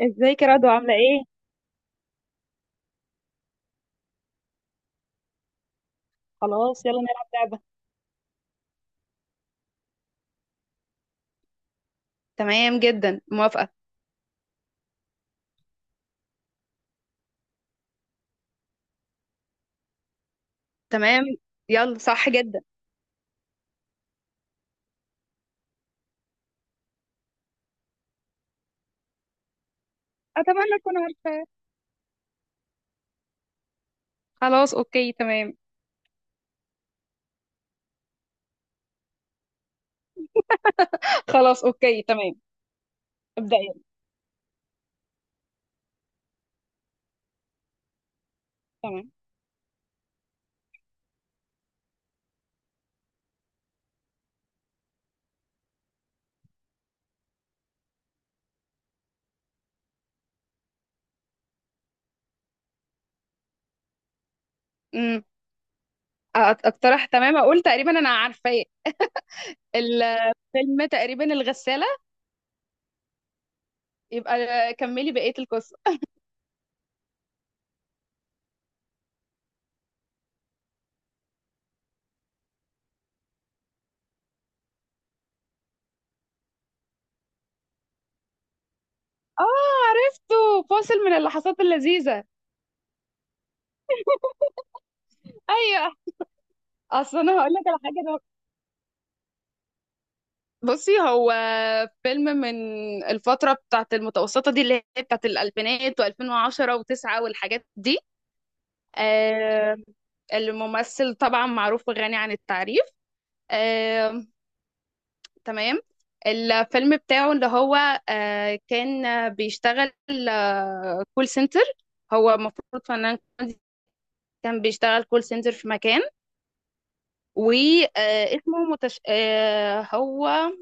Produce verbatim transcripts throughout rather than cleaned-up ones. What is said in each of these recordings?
ازيك يا رضوى، عاملة ايه؟ خلاص يلا نلعب لعبة. تمام جدا، موافقة. تمام، يلا صح جدا. أتمنى أكون عارفة. خلاص اوكي تمام. خلاص اوكي تمام. ابدأ يلا. تمام. امم أ- اقترح تمام، اقول تقريبا انا عارفة. الفيلم تقريبا الغسالة. يبقى كملي بقية القصة. اه، عرفته، فاصل من اللحظات اللذيذة. ايوه. اصل انا هقول لك على حاجة. بصي، هو فيلم من الفترة بتاعت المتوسطة دي، اللي هي بتاعت الألفينات و2010 و9 والحاجات دي. آه الممثل طبعا معروف وغني عن التعريف. آه تمام. الفيلم بتاعه اللي هو آه كان بيشتغل آه كول سنتر. هو المفروض فنان كوميدي، كان بيشتغل كول سنتر في مكان، واسمه متش... آه هو،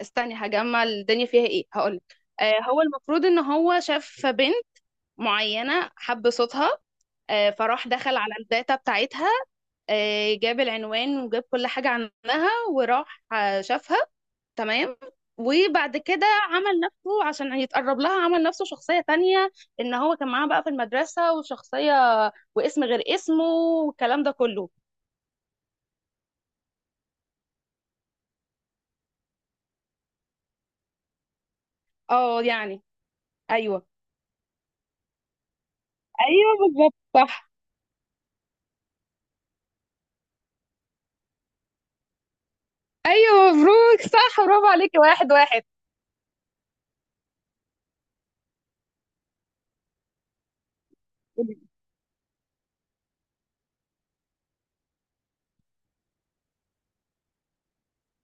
استني هجمع الدنيا فيها ايه هقولك. آه هو المفروض ان هو شاف بنت معينة، حب صوتها. آه فراح دخل على الداتا بتاعتها، آه، جاب العنوان وجاب كل حاجة عنها، وراح آه، شافها. تمام. وبعد كده عمل نفسه عشان يتقرب لها، عمل نفسه شخصية تانية، ان هو كان معاها بقى في المدرسة وشخصية، واسم غير اسمه، والكلام ده كله. اه يعني. ايوه. ايوه بالظبط صح. ايوه مبروك، صح، برافو عليكي، واحد واحد.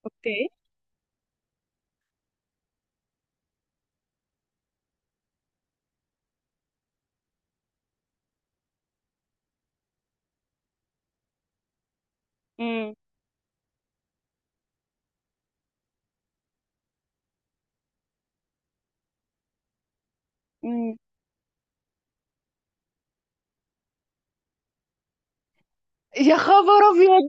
اوكي. امم. امم. يا خبر ابيض.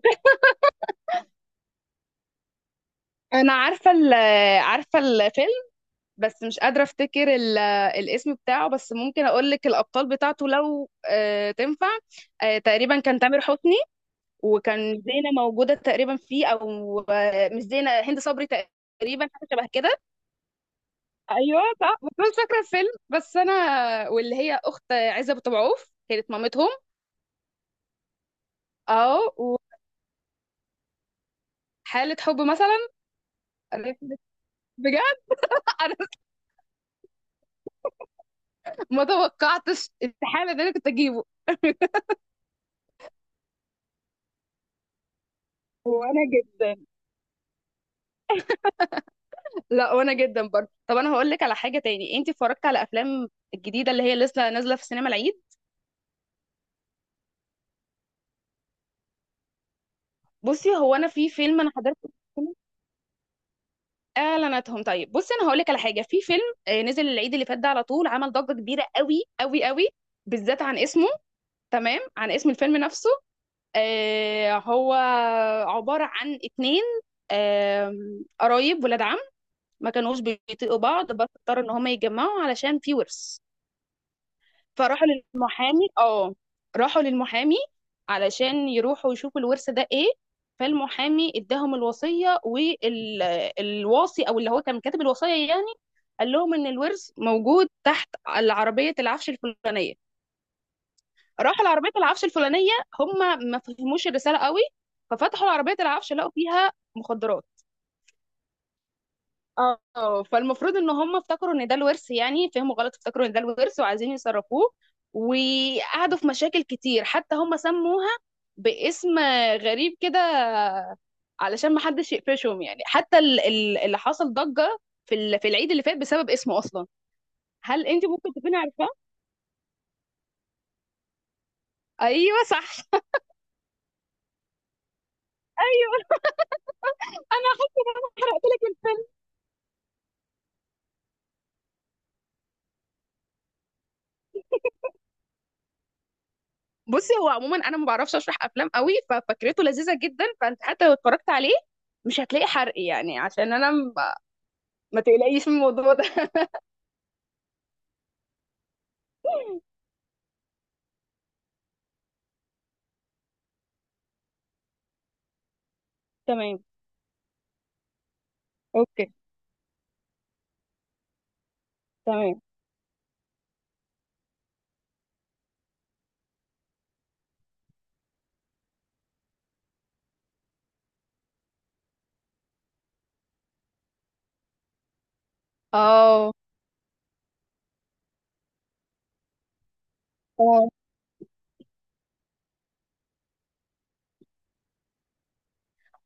انا عارفه ال عارفه الفيلم، بس مش قادره افتكر ال- الاسم بتاعه، بس ممكن اقول لك الابطال بتاعته لو آه تنفع. آه تقريبا كان تامر حسني، وكان زينه موجوده تقريبا فيه، او آه مش زينه، هند صبري. تقريبا حاجه شبه كده. ايوه صح، بس أنا مش فاكره الفيلم بس انا، واللي هي اخت عزه أبو تبعوف كانت مامتهم. اه. حالة حب مثلًا. أنا، بجد. أنا ما توقعتش استحالة إن أنا كنت أجيبه. وأنا جدًا، لأ وأنا جدًا برضه. طب أنا هاقول لِك على حاجة تاني، أنتِ اتفرجتِ على أفلام الجديدة اللي هي لسه نازلة في السينما العيد؟ بُصّي، هو أنا في فيلم أنا حضرته في السينما، إعلاناتهم. طيب، بُصّي، أنا هاقول لِك على حاجة. في فيلم آآ نزل العيد اللي فات ده، على طول عمل ضجة كبيرة أوي، أوي، أوي، بالذات عن اسمه. تمام، عن اسم الفيلم نفسه. آآ هو عبارة عن اتنين آمم قرايب ولاد عم، ما كانوش بيطيقوا بعض بس اضطروا ان هما يتجمعوا علشان في ورث. فراحوا للمحامي، اه راحوا للمحامي علشان يروحوا يشوفوا الورث ده ايه. فالمحامي اداهم الوصية، والواصي او اللي هو كان كاتب الوصية يعني، قال لهم ان الورث موجود تحت العربية العفش الفلانية. راحوا لعربية العفش الفلانية، هم ما فهموش الرسالة قوي، ففتحوا عربية العفش لقوا فيها مخدرات. اه. فالمفروض ان هم افتكروا ان ده الورث يعني، فهموا غلط، افتكروا ان ده الورث وعايزين يصرفوه، وقعدوا في مشاكل كتير. حتى هم سموها باسم غريب كده علشان ما حدش يقفشهم يعني. حتى ال- ال- اللي حصل ضجة في ال- في العيد اللي فات بسبب اسمه اصلا. هل انت ممكن تكوني عارفاه؟ ايوه صح ايوه انا. بصي هو عموما انا ما بعرفش اشرح افلام قوي، ففكرته لذيذه جدا، فانت حتى لو اتفرجت عليه مش هتلاقي حرق يعني، عشان انا، ما تقلقيش من الموضوع ده تمام، اوكي، تمام. اه، تمام،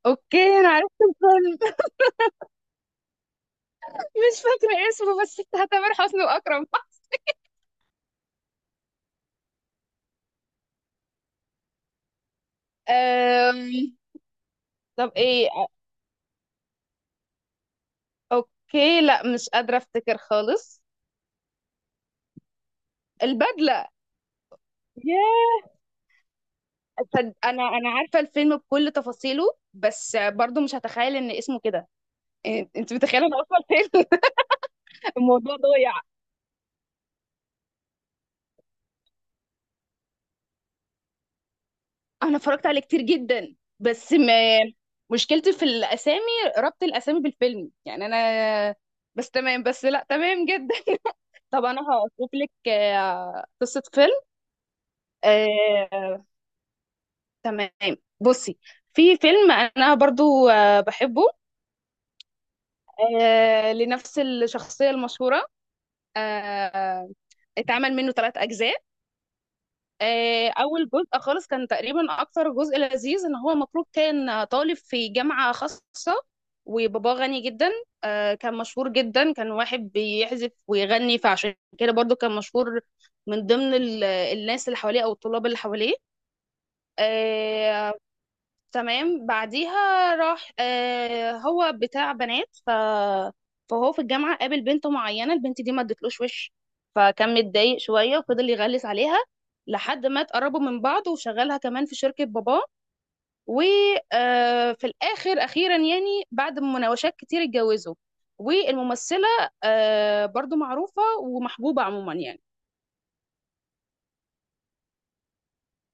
اوكي. انا عرفت الفيلم مش فاكره اسمه، بس بتاع تامر حسني واكرم أم... طب ايه، اوكي، لا مش قادره افتكر خالص. البدله. ياه. صد- انا انا عارفه الفيلم بكل تفاصيله، بس برضو مش هتخيل ان اسمه كده. إيه، انت متخيله انا اصلا فين. الموضوع ضايع. انا اتفرجت عليه كتير جدا، بس ما مشكلتي في الاسامي، ربط الاسامي بالفيلم يعني انا. بس تمام، بس لا تمام جدا طب انا هشوف لك آه، قصة فيلم. آه، تمام. بصي، في فيلم انا برضو آه، بحبه، آه، لنفس الشخصية المشهورة. آه، اتعمل منه ثلاث اجزاء. آه، اول جزء خالص كان تقريبا اكتر جزء لذيذ، ان هو المفروض كان طالب في جامعة خاصة وباباه غني جدا. آه، كان مشهور جدا، كان واحد بيعزف ويغني فعشان كده برضو كان مشهور من ضمن ال- الناس اللي حواليه او الطلاب اللي حواليه. آه، تمام. بعديها راح آه هو بتاع بنات، ف... فهو في الجامعة قابل بنت معينة، البنت دي ما ادتلوش وش، فكان متضايق شوية وفضل يغلس عليها لحد ما اتقربوا من بعض، وشغلها كمان في شركة باباه، وفي الآخر أخيرا يعني بعد مناوشات كتير اتجوزوا. والممثلة آه برضو معروفة ومحبوبة عموما يعني.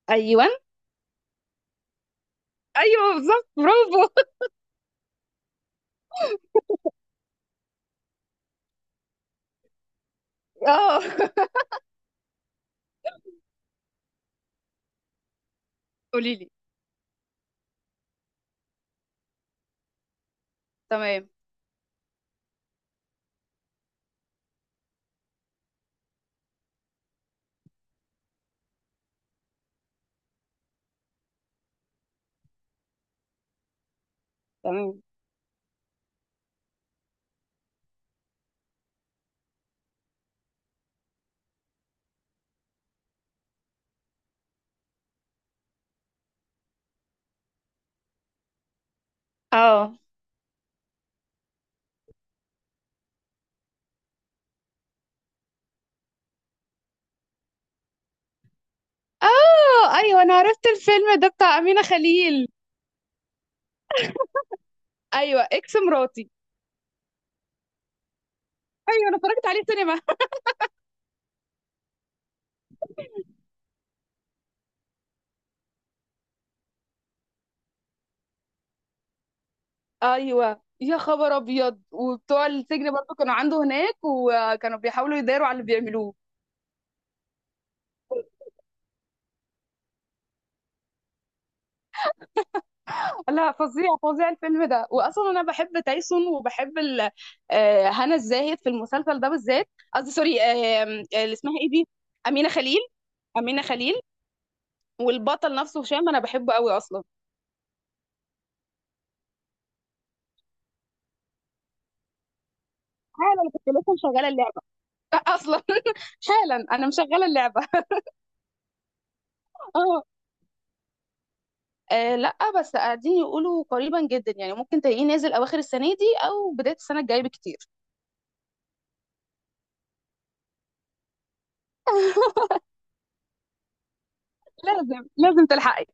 أيوة. أيوة بالظبط، برافو اه. قوليلي. تمام، تمام. اه. اه ايوه انا عرفت الفيلم ده بتاع امينه خليل. ايوه اكس مراتي. ايوه انا اتفرجت عليه سينما. ايوه يا خبر ابيض، وبتوع السجن برضو كانوا عنده هناك وكانوا بيحاولوا يداروا على اللي بيعملوه. لا فظيع فظيع الفيلم ده، واصلا انا بحب تايسون وبحب ال- آه، هنا الزاهد في المسلسل ده بالذات. قصدي سوري، آه، آه، اللي اسمها ايه دي. امينه خليل. امينه خليل. والبطل نفسه هشام انا بحبه قوي اصلا. حالا انا كنت لسه مشغله اللعبه اصلا. حالا انا مشغله اللعبه. اه. آه، لا بس قاعدين يقولوا قريبا جدا يعني، ممكن تلاقيه نازل اواخر السنه دي او بدايه السنه الجايه بكتير. لازم لازم تلحقي.